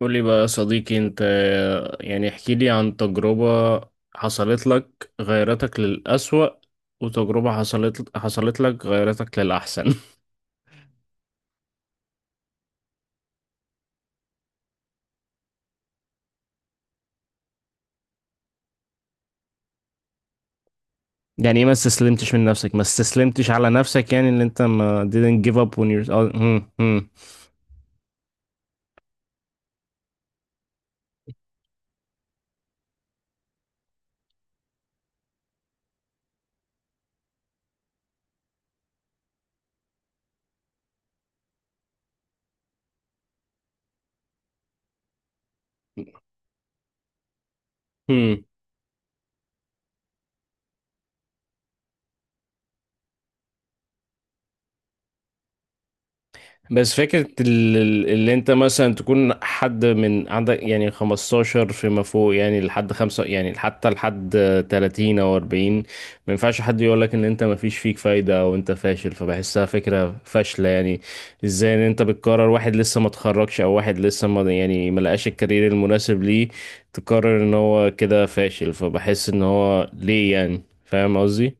قول لي بقى يا صديقي انت، يعني احكي لي عن تجربة حصلت لك غيرتك للأسوأ، وتجربة حصلت لك غيرتك للأحسن. يعني ايه ما استسلمتش من نفسك؟ ما استسلمتش على نفسك، يعني اللي انت ما didn't give up on your هم. بس فكرة اللي انت مثلا تكون حد من عندك يعني 15 فيما فوق، يعني لحد خمسة، يعني حتى لحد 30 او 40، ما ينفعش حد يقول لك ان انت ما فيش فيك فايدة او انت فاشل، فبحسها فكرة فاشلة يعني. ازاي ان انت بتقرر واحد لسه ما اتخرجش، او واحد لسه ما يعني ما لقاش الكارير المناسب ليه، تقرر ان هو كده فاشل؟ فبحس ان هو ليه، يعني فاهم قصدي؟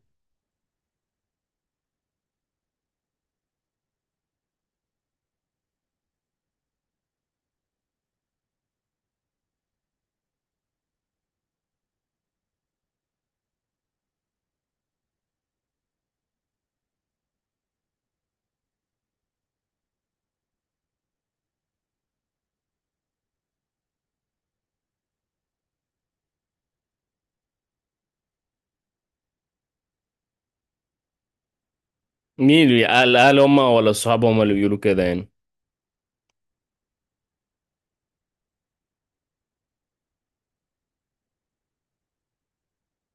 هل هم ولا اصحابهم اللي بيقولوا كده يعني؟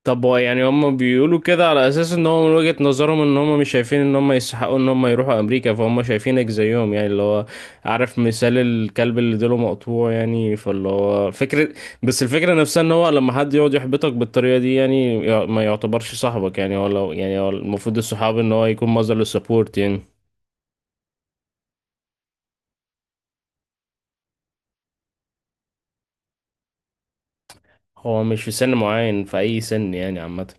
طب هو يعني هم بيقولوا كده على اساس ان هو من وجهة نظرهم ان هم مش شايفين ان هم يستحقوا ان هم يروحوا امريكا، فهم شايفينك زيهم، يعني اللي هو عارف مثال الكلب اللي ديله مقطوع يعني، فاللي هو فكرة. بس الفكرة نفسها ان هو لما حد يقعد يحبطك بالطريقة دي، يعني ما يعتبرش صاحبك، يعني هو لو يعني هو المفروض الصحاب ان هو يكون مصدر للسبورت يعني. هو مش في سن معين، في اي سن يعني عامة.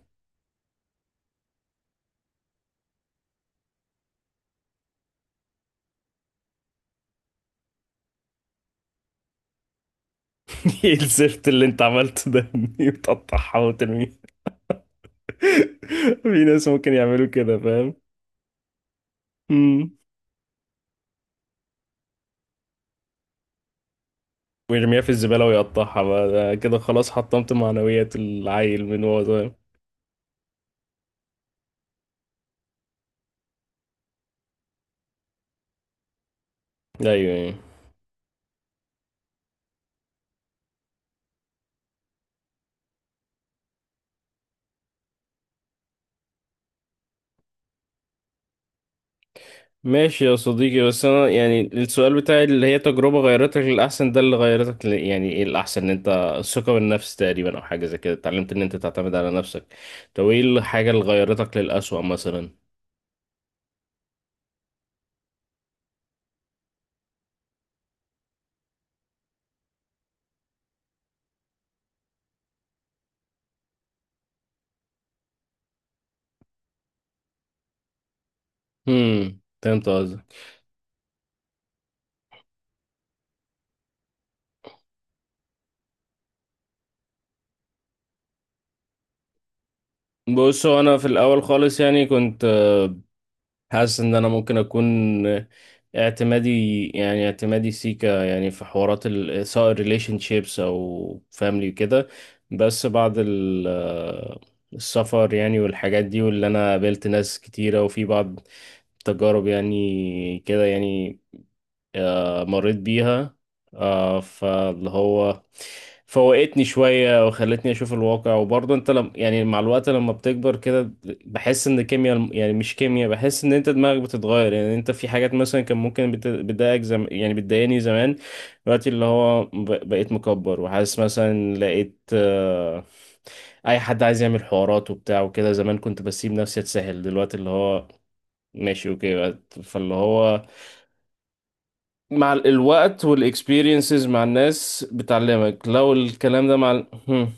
ايه الزفت اللي انت عملته ده؟ بتقطعها وترميها. في ناس ممكن يعملوا كده فاهم. امم. ويرميها في الزبالة ويقطعها، بقى ده كده خلاص حطمت معنويات العيل من وهو صغير. أيوة أيوة. ماشي يا صديقي، بس أنا يعني السؤال بتاعي اللي هي تجربة غيرتك للأحسن ده، اللي غيرتك يعني إيه الأحسن؟ إن أنت الثقة بالنفس تقريبا، أو حاجة زي كده اتعلمت إن أنت تعتمد على نفسك. طب إيه الحاجة اللي غيرتك للأسوأ مثلا؟ هم، فهمت قصدك. بص هو أنا في الأول خالص يعني كنت حاسس ان انا ممكن اكون اعتمادي، يعني اعتمادي سيكا يعني في حوارات سواء ريليشن شيبس او فاميلي كده. بس بعد السفر يعني والحاجات دي، واللي انا قابلت ناس كتيرة وفي بعض تجارب يعني كده يعني، مريت بيها. فاللي هو فوقتني شوية وخلتني أشوف الواقع، وبرضه أنت لم يعني مع الوقت لما بتكبر كده بحس إن كيمياء، يعني مش كيمياء، بحس إن أنت دماغك بتتغير، يعني أنت في حاجات مثلا كان ممكن بتضايقك يعني بتضايقني زمان. دلوقتي اللي هو بقيت مكبر وحاسس مثلا، لقيت أي حد عايز يعمل حوارات وبتاع وكده، زمان كنت بسيب نفسي أتسهل، دلوقتي اللي هو ماشي أوكي، فاللي هو مع الوقت والاكسبيرينسز مع الناس بتعلمك لو الكلام ده مع هم.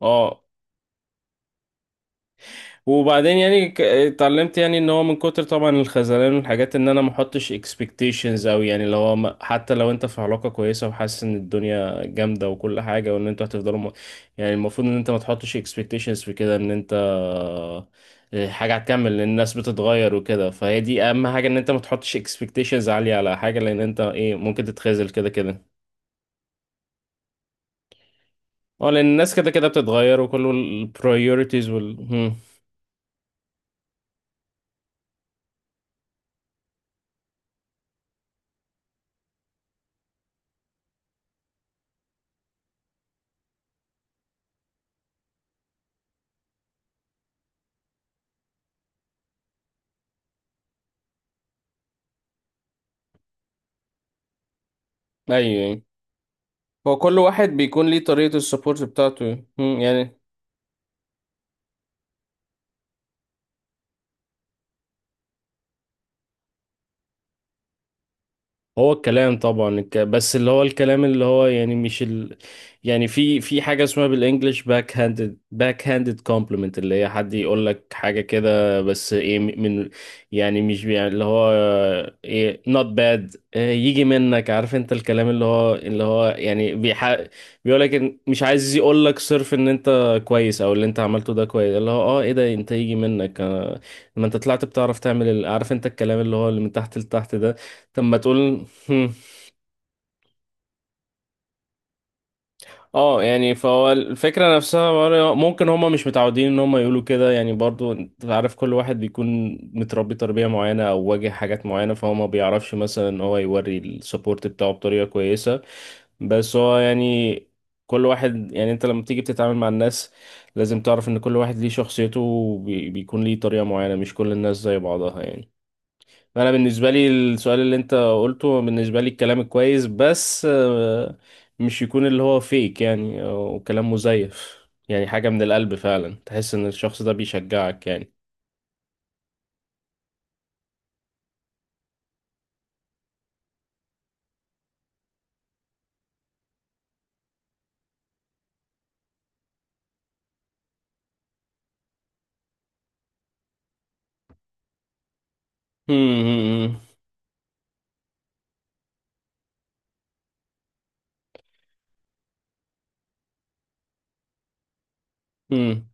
اه، وبعدين يعني اتعلمت يعني ان هو من كتر طبعا الخذلان والحاجات ان انا ما احطش اكسبكتيشنز، او يعني لو هو حتى لو انت في علاقه كويسه وحاسس ان الدنيا جامده وكل حاجه وان انتوا هتفضلوا يعني المفروض ان انت ما تحطش اكسبكتيشنز في كده، ان انت حاجه هتكمل، لان الناس بتتغير وكده. فهي دي اهم حاجه، ان انت ما تحطش اكسبكتيشنز عاليه على حاجه، لان انت ايه ممكن تتخاذل كده كده. اه لان الناس كده كده بتتغير، وكل البريوريتيز وال priorities وال- هم. ايوه يعني. هو كل واحد بيكون ليه طريقة السبورت بتاعته، يعني. هو الكلام طبعا بس اللي هو الكلام اللي هو يعني مش يعني في حاجة اسمها بالانجلش باك هاندد كومبلمنت، اللي هي حد يقول لك حاجة كده بس ايه من، يعني مش يعني اللي هو ايه not bad، إيه يجي منك، عارف انت الكلام اللي هو يعني بيقول لك مش عايز يقول لك صرف ان انت كويس، او اللي انت عملته ده كويس، اللي هو اه ايه ده انت يجي منك. ما انت طلعت بتعرف تعمل عارف انت الكلام اللي هو اللي من تحت لتحت ده. طب ما تقول. هم. اه يعني فهو الفكرة نفسها برضه، ممكن هما مش متعودين ان هما يقولوا كده، يعني برضو انت عارف كل واحد بيكون متربي تربية معينة او واجه حاجات معينة، فهو ما بيعرفش مثلا ان هو يوري السبورت بتاعه بطريقة كويسة. بس هو يعني كل واحد يعني انت لما تيجي بتتعامل مع الناس لازم تعرف ان كل واحد ليه شخصيته، بيكون ليه طريقة معينة، مش كل الناس زي بعضها يعني. انا بالنسبه لي السؤال اللي انت قلته، بالنسبه لي الكلام الكويس، بس مش يكون اللي هو فيك يعني، او كلام مزيف، يعني حاجه من القلب فعلا تحس ان الشخص ده بيشجعك يعني. مم، مم.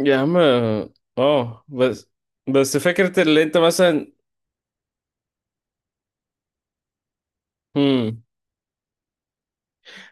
يا عم اه. آه، بس بس فكره اللي انت مثلا. مم.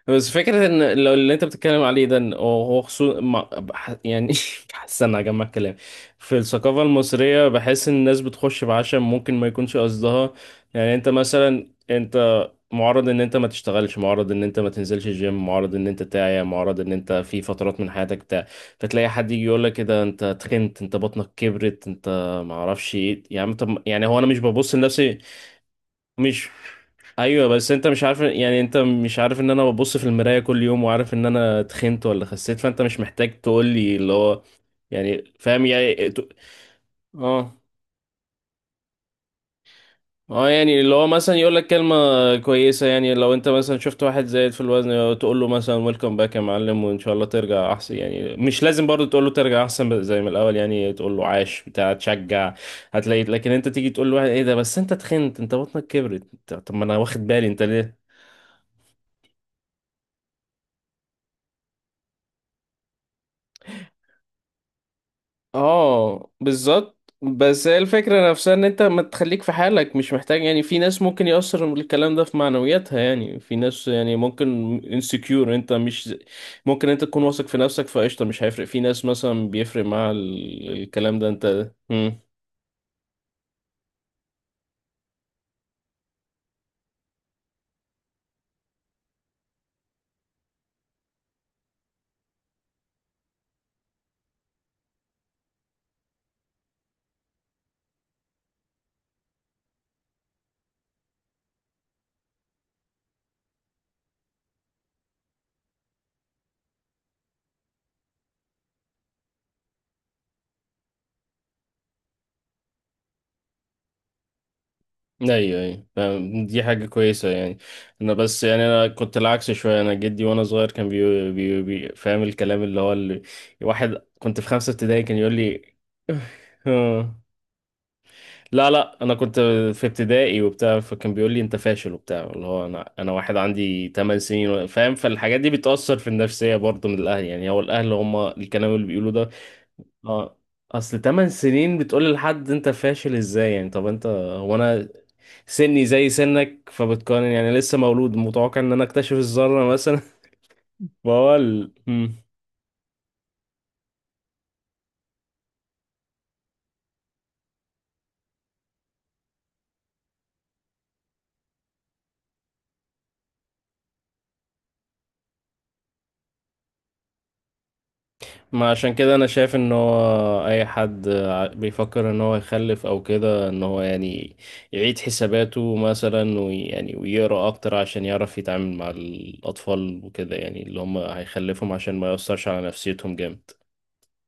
بس فكرة ان لو اللي انت بتتكلم عليه ده، إن هو خصوصا يعني استنى اجمع الكلام. في الثقافة المصرية بحس ان الناس بتخش بعشم، ممكن ما يكونش قصدها، يعني انت مثلا انت معرض ان انت ما تشتغلش، معرض ان انت ما تنزلش الجيم، معرض ان انت تعيا، معرض ان انت في فترات من حياتك بتاع، فتلاقي حد يجي يقول لك كده انت تخنت، انت بطنك كبرت، انت ما اعرفش ايه، يعني طب يعني هو انا مش ببص لنفسي؟ مش، ايوه بس انت مش عارف يعني، انت مش عارف ان انا ببص في المرايه كل يوم وعارف ان انا تخنت ولا خسيت، فانت مش محتاج تقول لي اللي هو، يعني فاهم يعني اه اه، يعني اللي هو مثلا يقول لك كلمه كويسه، يعني لو انت مثلا شفت واحد زايد في الوزن تقول له مثلا ويلكم باك يا معلم وان شاء الله ترجع احسن يعني، مش لازم برضه تقول له ترجع احسن زي ما الاول، يعني تقول له عاش بتاع تشجع. هتلاقي لكن انت تيجي تقول لواحد ايه ده، بس انت تخنت، انت بطنك كبرت، طب ما انا واخد بالي انت ليه. اه بالظبط، بس هي الفكرة نفسها ان انت ما تخليك في حالك، مش محتاج، يعني في ناس ممكن يأثر الكلام ده في معنوياتها، يعني في ناس يعني ممكن insecure، انت مش ممكن انت تكون واثق في نفسك فقشطة مش هيفرق، في ناس مثلا بيفرق مع الكلام ده انت. مم. ايوه ايوه فاهم. دي حاجة كويسة يعني. انا بس يعني انا كنت العكس شوية، انا جدي وانا صغير كان فاهم الكلام اللي هو اللي واحد، كنت في خمسة ابتدائي كان يقول لي. لا لا انا كنت في ابتدائي وبتاع، فكان بيقول لي انت فاشل وبتاع، اللي هو انا واحد عندي 8 سنين فاهم، فالحاجات دي بتأثر في النفسية، برضه من الاهل يعني، هو الاهل هم الكلام اللي بيقولوه ده. اه اصل 8 سنين بتقول لحد انت فاشل ازاي يعني؟ طب انت هو انا سني زي سنك فبتقارن يعني، لسه مولود متوقع ان انا اكتشف الذرة مثلا؟ فهو مم. ما عشان كده انا شايف ان هو اي حد بيفكر ان هو يخلف او كده، ان هو يعني يعيد حساباته مثلا ويعني ويقرا اكتر عشان يعرف يتعامل مع الاطفال وكده، يعني اللي هم هيخلفهم عشان ما يأثرش على نفسيتهم جامد.